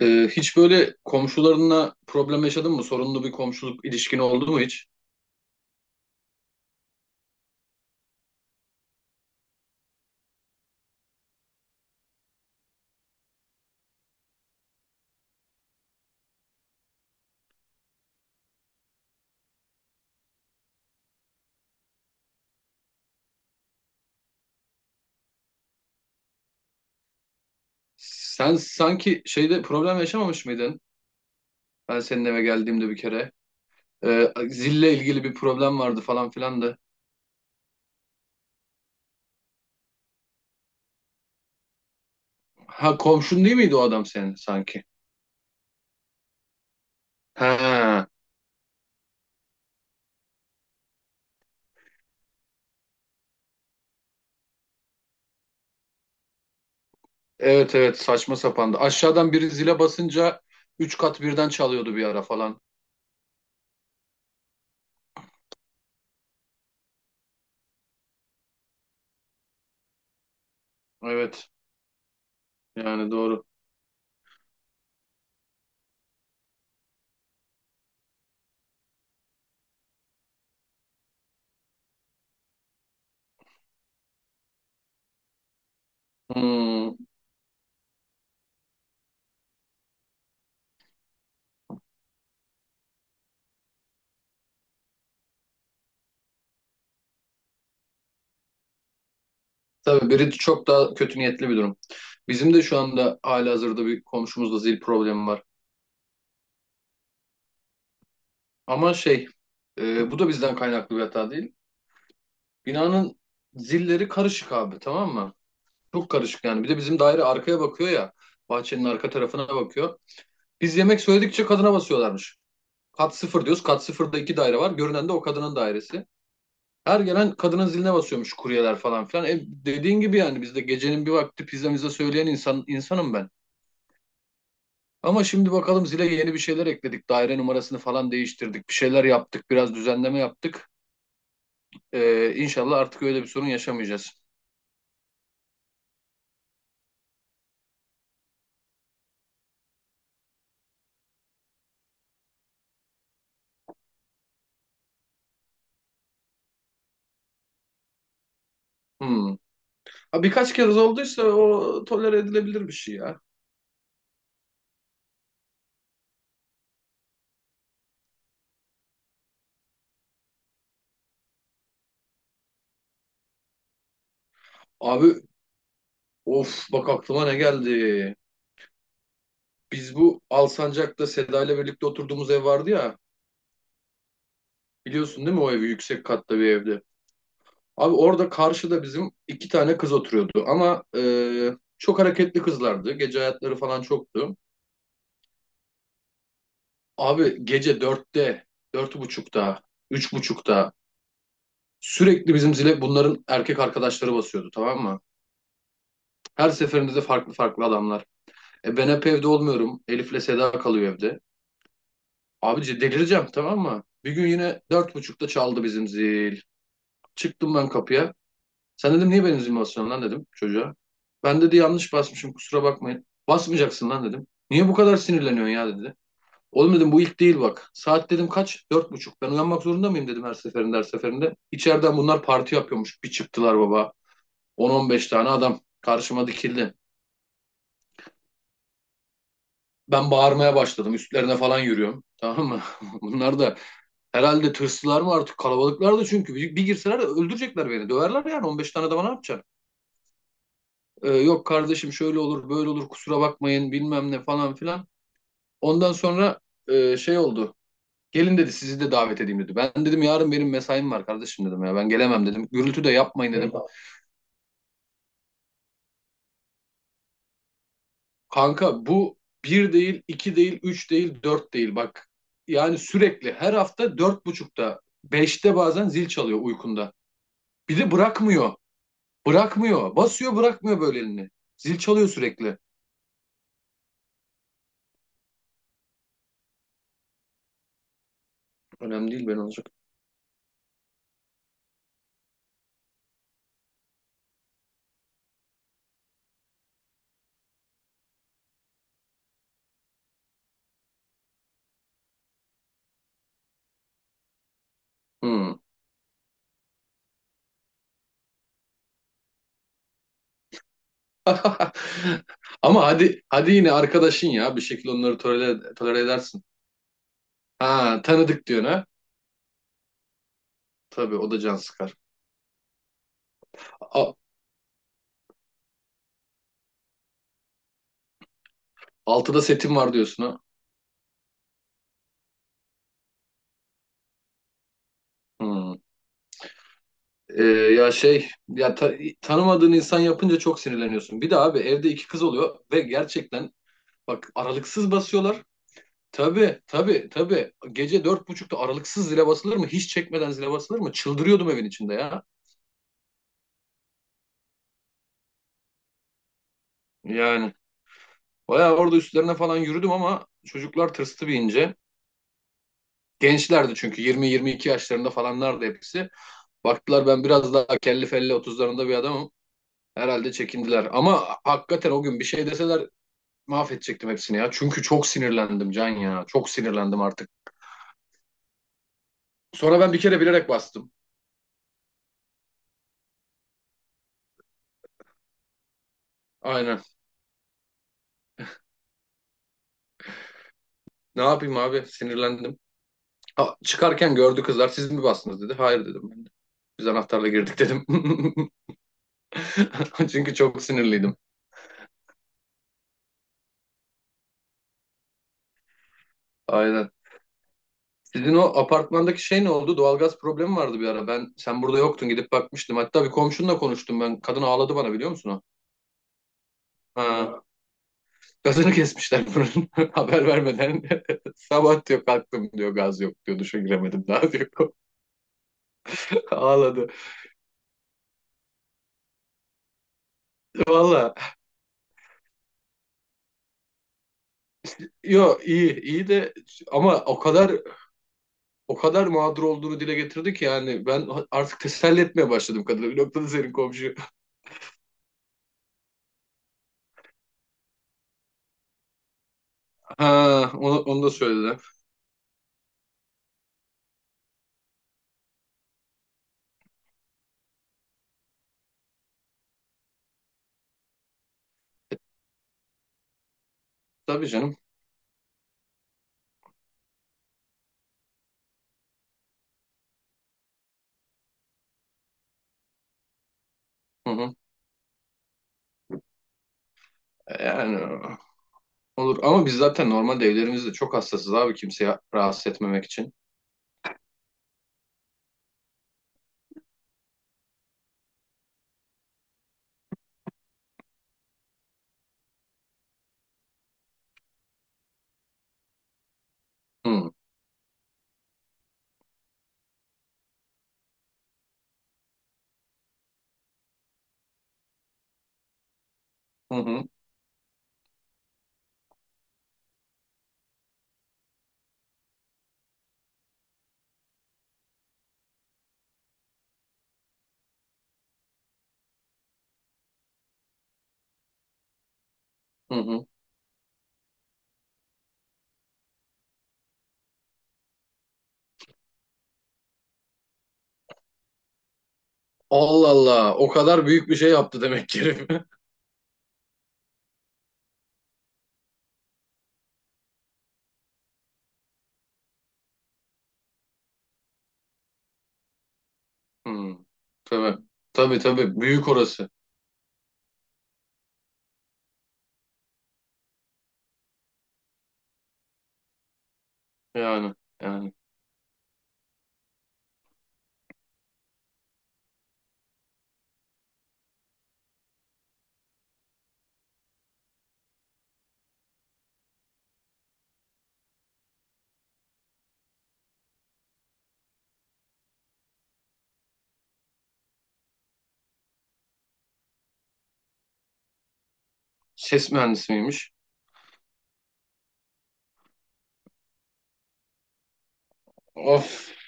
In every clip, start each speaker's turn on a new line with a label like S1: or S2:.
S1: Hiç böyle komşularınla problem yaşadın mı? Sorunlu bir komşuluk ilişkin oldu mu hiç? Sen sanki şeyde problem yaşamamış mıydın? Ben senin eve geldiğimde bir kere. Zille ilgili bir problem vardı falan filan da. Ha, komşun değil miydi o adam senin sanki? Ha, evet evet, saçma sapandı. Aşağıdan biri zile basınca üç kat birden çalıyordu bir ara falan. Evet, yani doğru. Hmm. Tabii biri çok daha kötü niyetli bir durum. Bizim de şu anda halihazırda bir komşumuzla zil problemi var. Ama bu da bizden kaynaklı bir hata değil. Binanın zilleri karışık abi, tamam mı? Çok karışık yani. Bir de bizim daire arkaya bakıyor ya. Bahçenin arka tarafına bakıyor. Biz yemek söyledikçe kadına basıyorlarmış. Kat sıfır diyoruz. Kat sıfırda iki daire var. Görünen de o kadının dairesi. Her gelen kadının ziline basıyormuş kuryeler falan filan. Dediğin gibi yani biz de gecenin bir vakti pizzamıza söyleyen insanım ben. Ama şimdi bakalım zile yeni bir şeyler ekledik. Daire numarasını falan değiştirdik. Bir şeyler yaptık. Biraz düzenleme yaptık. İnşallah artık öyle bir sorun yaşamayacağız. Hmm. Ha, birkaç kez olduysa o tolere edilebilir bir şey ya. Abi, of, bak aklıma ne geldi. Biz bu Alsancak'ta Seda ile birlikte oturduğumuz ev vardı ya. Biliyorsun değil mi, o evi yüksek katlı bir evdi. Abi orada karşıda bizim iki tane kız oturuyordu ama çok hareketli kızlardı. Gece hayatları falan çoktu. Abi gece 4'te, 4:30'da, 3:30'da sürekli bizim zile bunların erkek arkadaşları basıyordu, tamam mı? Her seferinde de farklı farklı adamlar. Ben hep evde olmuyorum. Elif'le Seda kalıyor evde. Abici delireceğim, tamam mı? Bir gün yine 4:30'da çaldı bizim zil. Çıktım ben kapıya. Sen, dedim, niye benim zilimi basıyorsun lan, dedim çocuğa. Ben, dedi, yanlış basmışım, kusura bakmayın. Basmayacaksın lan, dedim. Niye bu kadar sinirleniyorsun ya, dedi. Oğlum, dedim, bu ilk değil bak. Saat, dedim, kaç? 4:30. Ben uyanmak zorunda mıyım, dedim, her seferinde her seferinde. İçeriden bunlar parti yapıyormuş. Bir çıktılar baba. 10-15 tane adam karşıma dikildi. Ben bağırmaya başladım. Üstlerine falan yürüyorum. Tamam mı? Bunlar da herhalde tırsılar mı artık? Kalabalıklar da çünkü. Bir girseler öldürecekler beni. Döverler yani. 15 tane de bana yapacaksın. Yok kardeşim, şöyle olur böyle olur, kusura bakmayın bilmem ne falan filan. Ondan sonra oldu. Gelin, dedi, sizi de davet edeyim, dedi. Ben dedim, yarın benim mesaim var kardeşim, dedim ya. Ben gelemem, dedim. Gürültü de yapmayın, dedim. Kanka, bu bir değil, iki değil, üç değil, dört değil. Bak yani sürekli her hafta 4:30'da, 5'te bazen zil çalıyor uykunda. Bir de bırakmıyor. Bırakmıyor. Basıyor bırakmıyor böyle elini. Zil çalıyor sürekli. Önemli değil, ben olacak. Hmm. Ama hadi hadi, yine arkadaşın ya, bir şekilde onları tolere edersin. Ha, tanıdık diyorsun ha. Tabii, o da can sıkar. A- 6'da setim var diyorsun ha. Hmm. Ee, ya şey ya ta- tanımadığın insan yapınca çok sinirleniyorsun. Bir de abi evde iki kız oluyor ve gerçekten bak aralıksız basıyorlar. Tabii, tabii, tabii. Gece 4:30'da aralıksız zile basılır mı? Hiç çekmeden zile basılır mı? Çıldırıyordum evin içinde ya. Yani bayağı orada üstlerine falan yürüdüm ama çocuklar tırstı bir ince. Gençlerdi çünkü 20-22 yaşlarında falanlardı hepsi. Baktılar, ben biraz daha kelli felli 30'larında bir adamım. Herhalde çekindiler. Ama hakikaten o gün bir şey deseler mahvedecektim hepsini ya. Çünkü çok sinirlendim Can ya. Çok sinirlendim artık. Sonra ben bir kere bilerek bastım. Aynen. Ne yapayım abi? Sinirlendim. Ha, çıkarken gördü kızlar. Siz mi bastınız, dedi. Hayır, dedim ben de. Biz anahtarla girdik, dedim. Çünkü çok sinirliydim. Aynen. Sizin o apartmandaki şey ne oldu? Doğalgaz problemi vardı bir ara. Ben sen burada yoktun gidip bakmıştım. Hatta bir komşunla konuştum ben. Kadın ağladı bana, biliyor musun o? Ha. Gazını kesmişler bunun haber vermeden. Sabah, diyor, kalktım, diyor, gaz yok, diyor, duşa giremedim daha, diyor. Ağladı. Valla, yo, iyi iyi de ama o kadar mağdur olduğunu dile getirdi ki, yani ben artık teselli etmeye başladım kadını. Bir noktada senin komşu. Ha, onu da söyledi. Tabii canım. Hı hı. Yani olur, ama biz zaten normalde evlerimizde çok hassasız abi, kimseye rahatsız etmemek için. Hı hı hı. Hı. Allah Allah, o kadar büyük bir şey yaptı demek ki herif. Hmm, tabii. Tabii tabii. Büyük orası. Yani. Yani. Ses mühendisi miymiş? Of.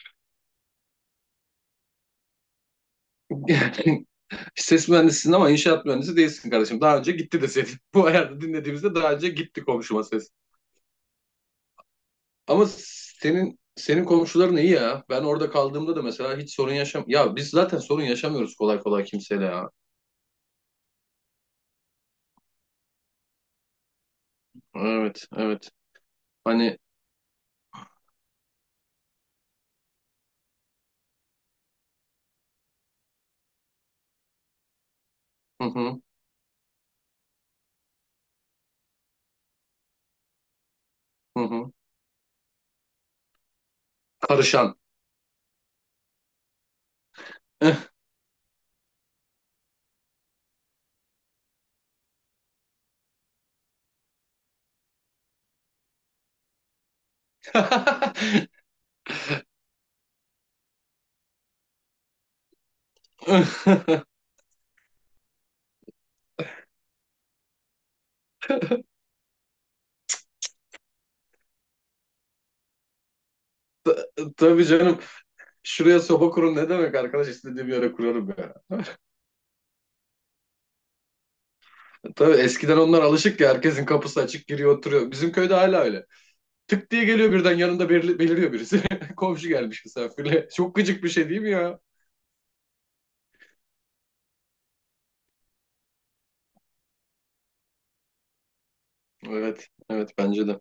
S1: Yani ses mühendisisin ama inşaat mühendisi değilsin kardeşim. Daha önce gitti deseydin. Bu ayarda dinlediğimizde daha önce gitti komşuma ses. Ama senin komşuların iyi ya. Ben orada kaldığımda da mesela hiç sorun yaşam... Ya biz zaten sorun yaşamıyoruz kolay kolay kimseyle ya. Evet, evet. Hani hı hı, hı hı. Karışan. Tabii canım. Şuraya soba kurun ne demek, arkadaş istediğim yere kurarım ya. Tabii eskiden onlar alışık ya, herkesin kapısı açık giriyor oturuyor. Bizim köyde hala öyle. Tık diye geliyor, birden yanında beliriyor birisi. Komşu gelmiş misafirle. Çok gıcık bir şey değil mi ya? Evet. Evet bence de.